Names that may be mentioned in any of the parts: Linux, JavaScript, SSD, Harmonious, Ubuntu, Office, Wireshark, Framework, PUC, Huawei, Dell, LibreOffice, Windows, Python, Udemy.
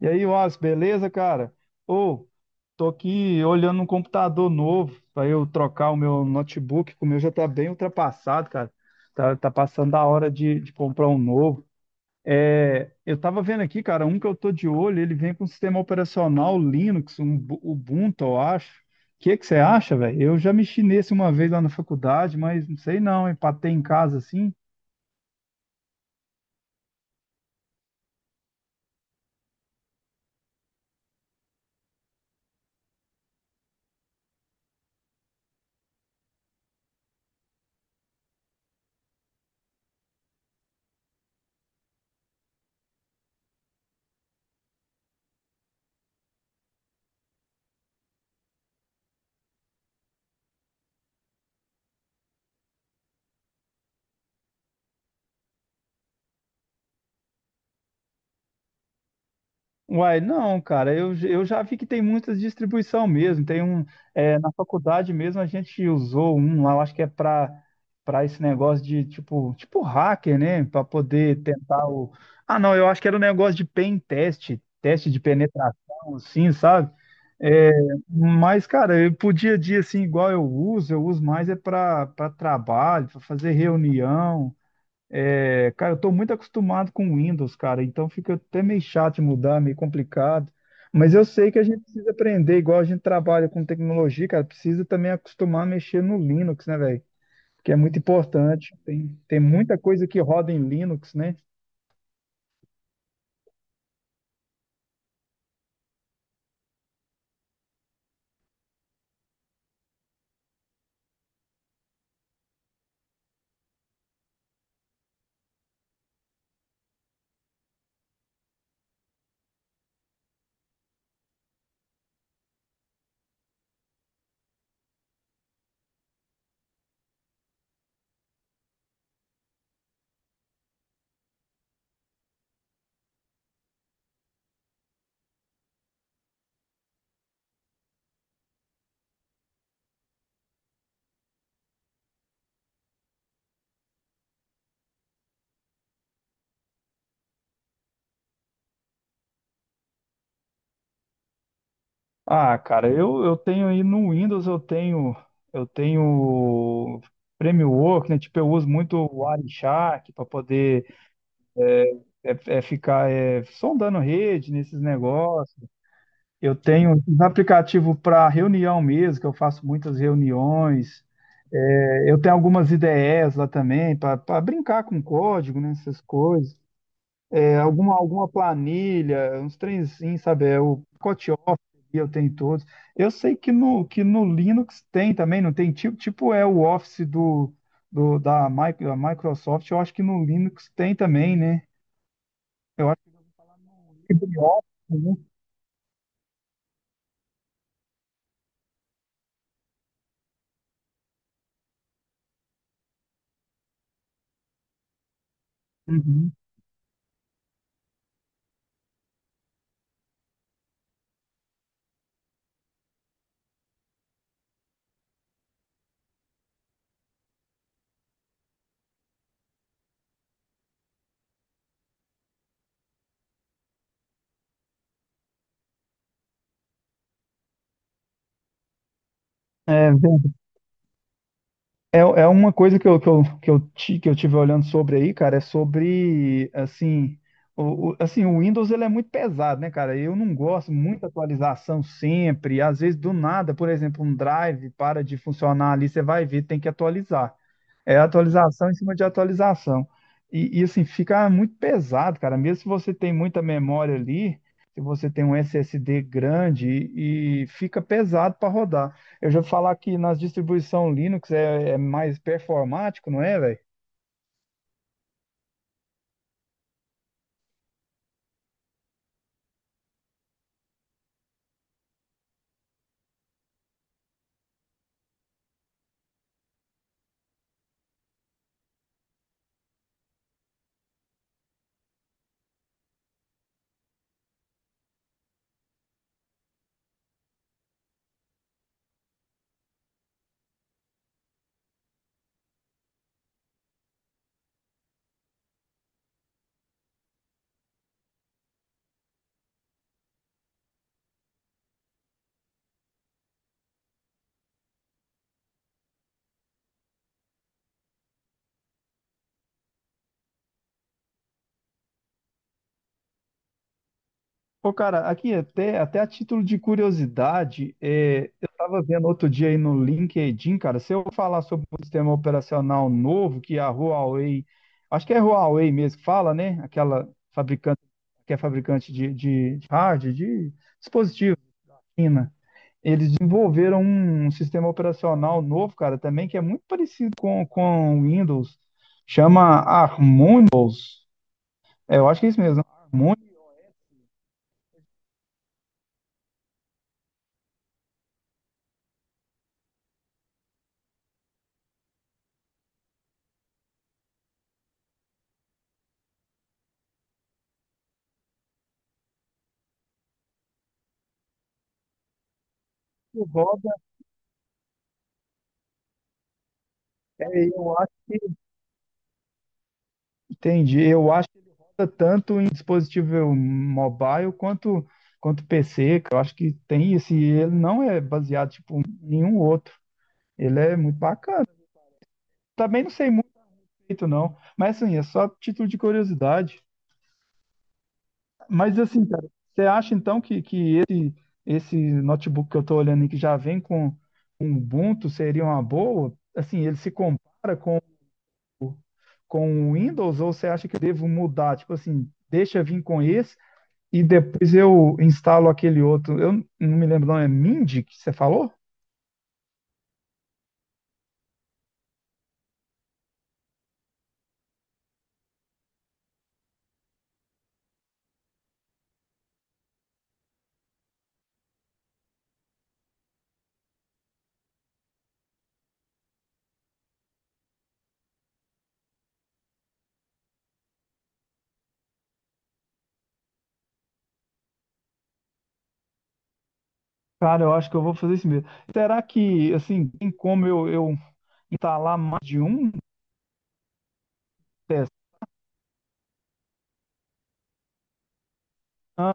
E aí, Wallace, beleza, cara? Ô, tô aqui olhando um computador novo para eu trocar o meu notebook, que o meu já tá bem ultrapassado, cara. Tá, tá passando a hora de comprar um novo. Eu tava vendo aqui, cara, um que eu tô de olho, ele vem com um sistema operacional Linux, um Ubuntu, eu acho. O que que você acha, velho? Eu já mexi nesse uma vez lá na faculdade, mas não sei não, hein? Pra ter em casa assim. Uai, não, cara, eu já vi que tem muitas distribuição mesmo. Tem um, é, na faculdade mesmo a gente usou um lá, eu acho que é para esse negócio de tipo hacker, né? Para poder tentar o. Ah, não, eu acho que era um negócio de pen test, teste de penetração, assim, sabe? É, mas, cara, eu pro dia a dia, assim, igual eu uso mais é para trabalho, para fazer reunião. É, cara, eu tô muito acostumado com Windows, cara, então fica até meio chato de mudar, meio complicado. Mas eu sei que a gente precisa aprender, igual a gente trabalha com tecnologia, cara, precisa também acostumar a mexer no Linux, né, velho? Que é muito importante. Tem, tem muita coisa que roda em Linux, né? Ah, cara, eu tenho aí no Windows, eu tenho Framework, né? Tipo, eu uso muito o Wireshark para poder ficar sondando rede nesses negócios. Eu tenho um aplicativo para reunião mesmo, que eu faço muitas reuniões. Eu tenho algumas ideias lá também, para brincar com código, né, essas coisas. É, alguma planilha, uns trenzinhos, sabe? É, o pacote Office, eu tenho todos. Eu sei que que no Linux tem também, não tem tipo é o Office da da Microsoft, eu acho que no Linux tem também, né? Eu acho que eu vou falar no LibreOffice, né? Uhum. É, É, é uma coisa que eu, que eu, que eu, ti- que eu tive olhando sobre aí, cara, é sobre, assim, assim, o Windows ele é muito pesado, né, cara? Eu não gosto, muita atualização sempre, às vezes do nada, por exemplo, um drive para de funcionar ali, você vai ver, tem que atualizar. É atualização em cima de atualização. Assim, fica muito pesado, cara. Mesmo se você tem muita memória ali, se você tem um SSD grande, e fica pesado para rodar. Eu já vou falar que nas distribuições Linux é mais performático, não é, velho? Pô, cara, aqui até a título de curiosidade, é, eu estava vendo outro dia aí no LinkedIn, cara, se eu falar sobre um sistema operacional novo que a Huawei, acho que é Huawei mesmo que fala, né? Aquela fabricante, que é fabricante de hardware, de dispositivo, China. Eles desenvolveram um sistema operacional novo, cara, também que é muito parecido com o Windows, chama Harmonious. É, eu acho que é isso mesmo, Harmonious, roda, é, eu acho. Entendi. Eu acho que ele roda tanto em dispositivo mobile quanto PC, que eu acho que tem esse. Ele não é baseado em nenhum outro. Ele é muito bacana. Também não sei muito direito, não. Mas assim, é só título de curiosidade. Mas assim, cara, você acha então esse notebook que eu estou olhando e que já vem com um Ubuntu seria uma boa? Assim, ele se compara com o Windows, ou você acha que eu devo mudar? Tipo assim, deixa vir com esse, e depois eu instalo aquele outro. Eu não me lembro, não. É Mindy que você falou? Cara, eu acho que eu vou fazer isso mesmo. Será que, assim, tem como eu instalar mais de um teste? Ah,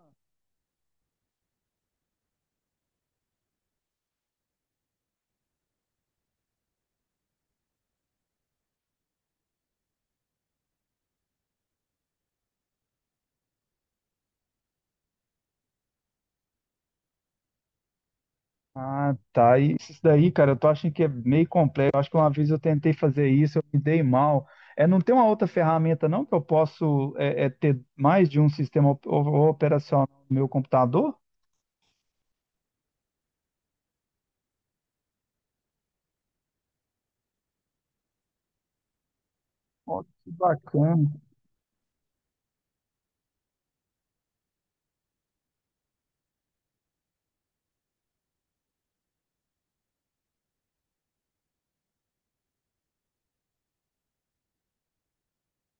ah, tá. E isso daí, cara, eu tô achando que é meio complexo. Eu acho que uma vez eu tentei fazer isso, eu me dei mal. É, não tem uma outra ferramenta, não, que eu posso ter mais de um sistema operacional no meu computador? Ó, que bacana,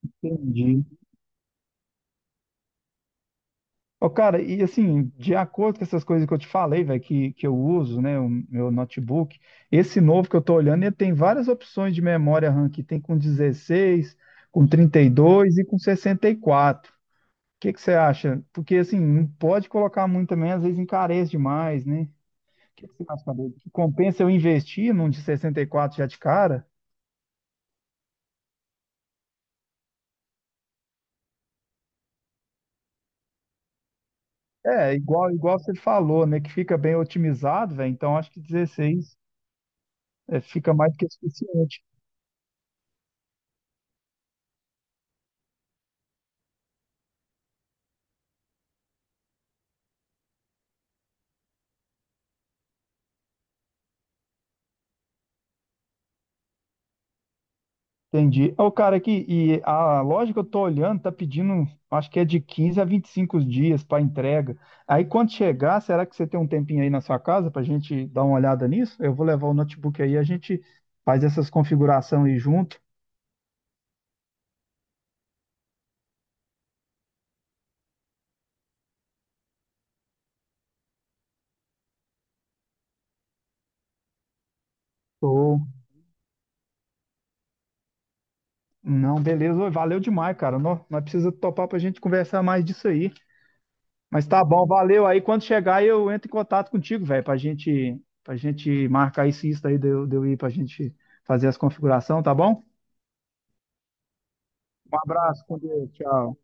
entendi. Ô, cara, e assim, de acordo com essas coisas que eu te falei, velho, que eu uso, né, o meu notebook, esse novo que eu tô olhando, ele tem várias opções de memória RAM, que tem com 16, com 32 e com 64. O que que você acha? Porque assim, não pode colocar muito também, às vezes encarece demais, né? O que que você acha, Fabrício? Compensa eu investir num de 64 já de cara? É, igual você falou, né, que fica bem otimizado, velho, então acho que 16 fica mais do que suficiente. Entendi. Ô, cara, aqui, e a loja que eu tô olhando tá pedindo, acho que é de 15 a 25 dias para entrega. Aí quando chegar, será que você tem um tempinho aí na sua casa pra gente dar uma olhada nisso? Eu vou levar o notebook aí, a gente faz essas configurações aí junto. Ou não, beleza. Ô, valeu demais, cara. Nós precisa topar pra gente conversar mais disso aí. Mas tá bom, valeu. Aí quando chegar, eu entro em contato contigo, velho, pra gente marcar isso aí, de eu ir pra gente fazer as configurações, tá bom? Um abraço, com Deus. Tchau.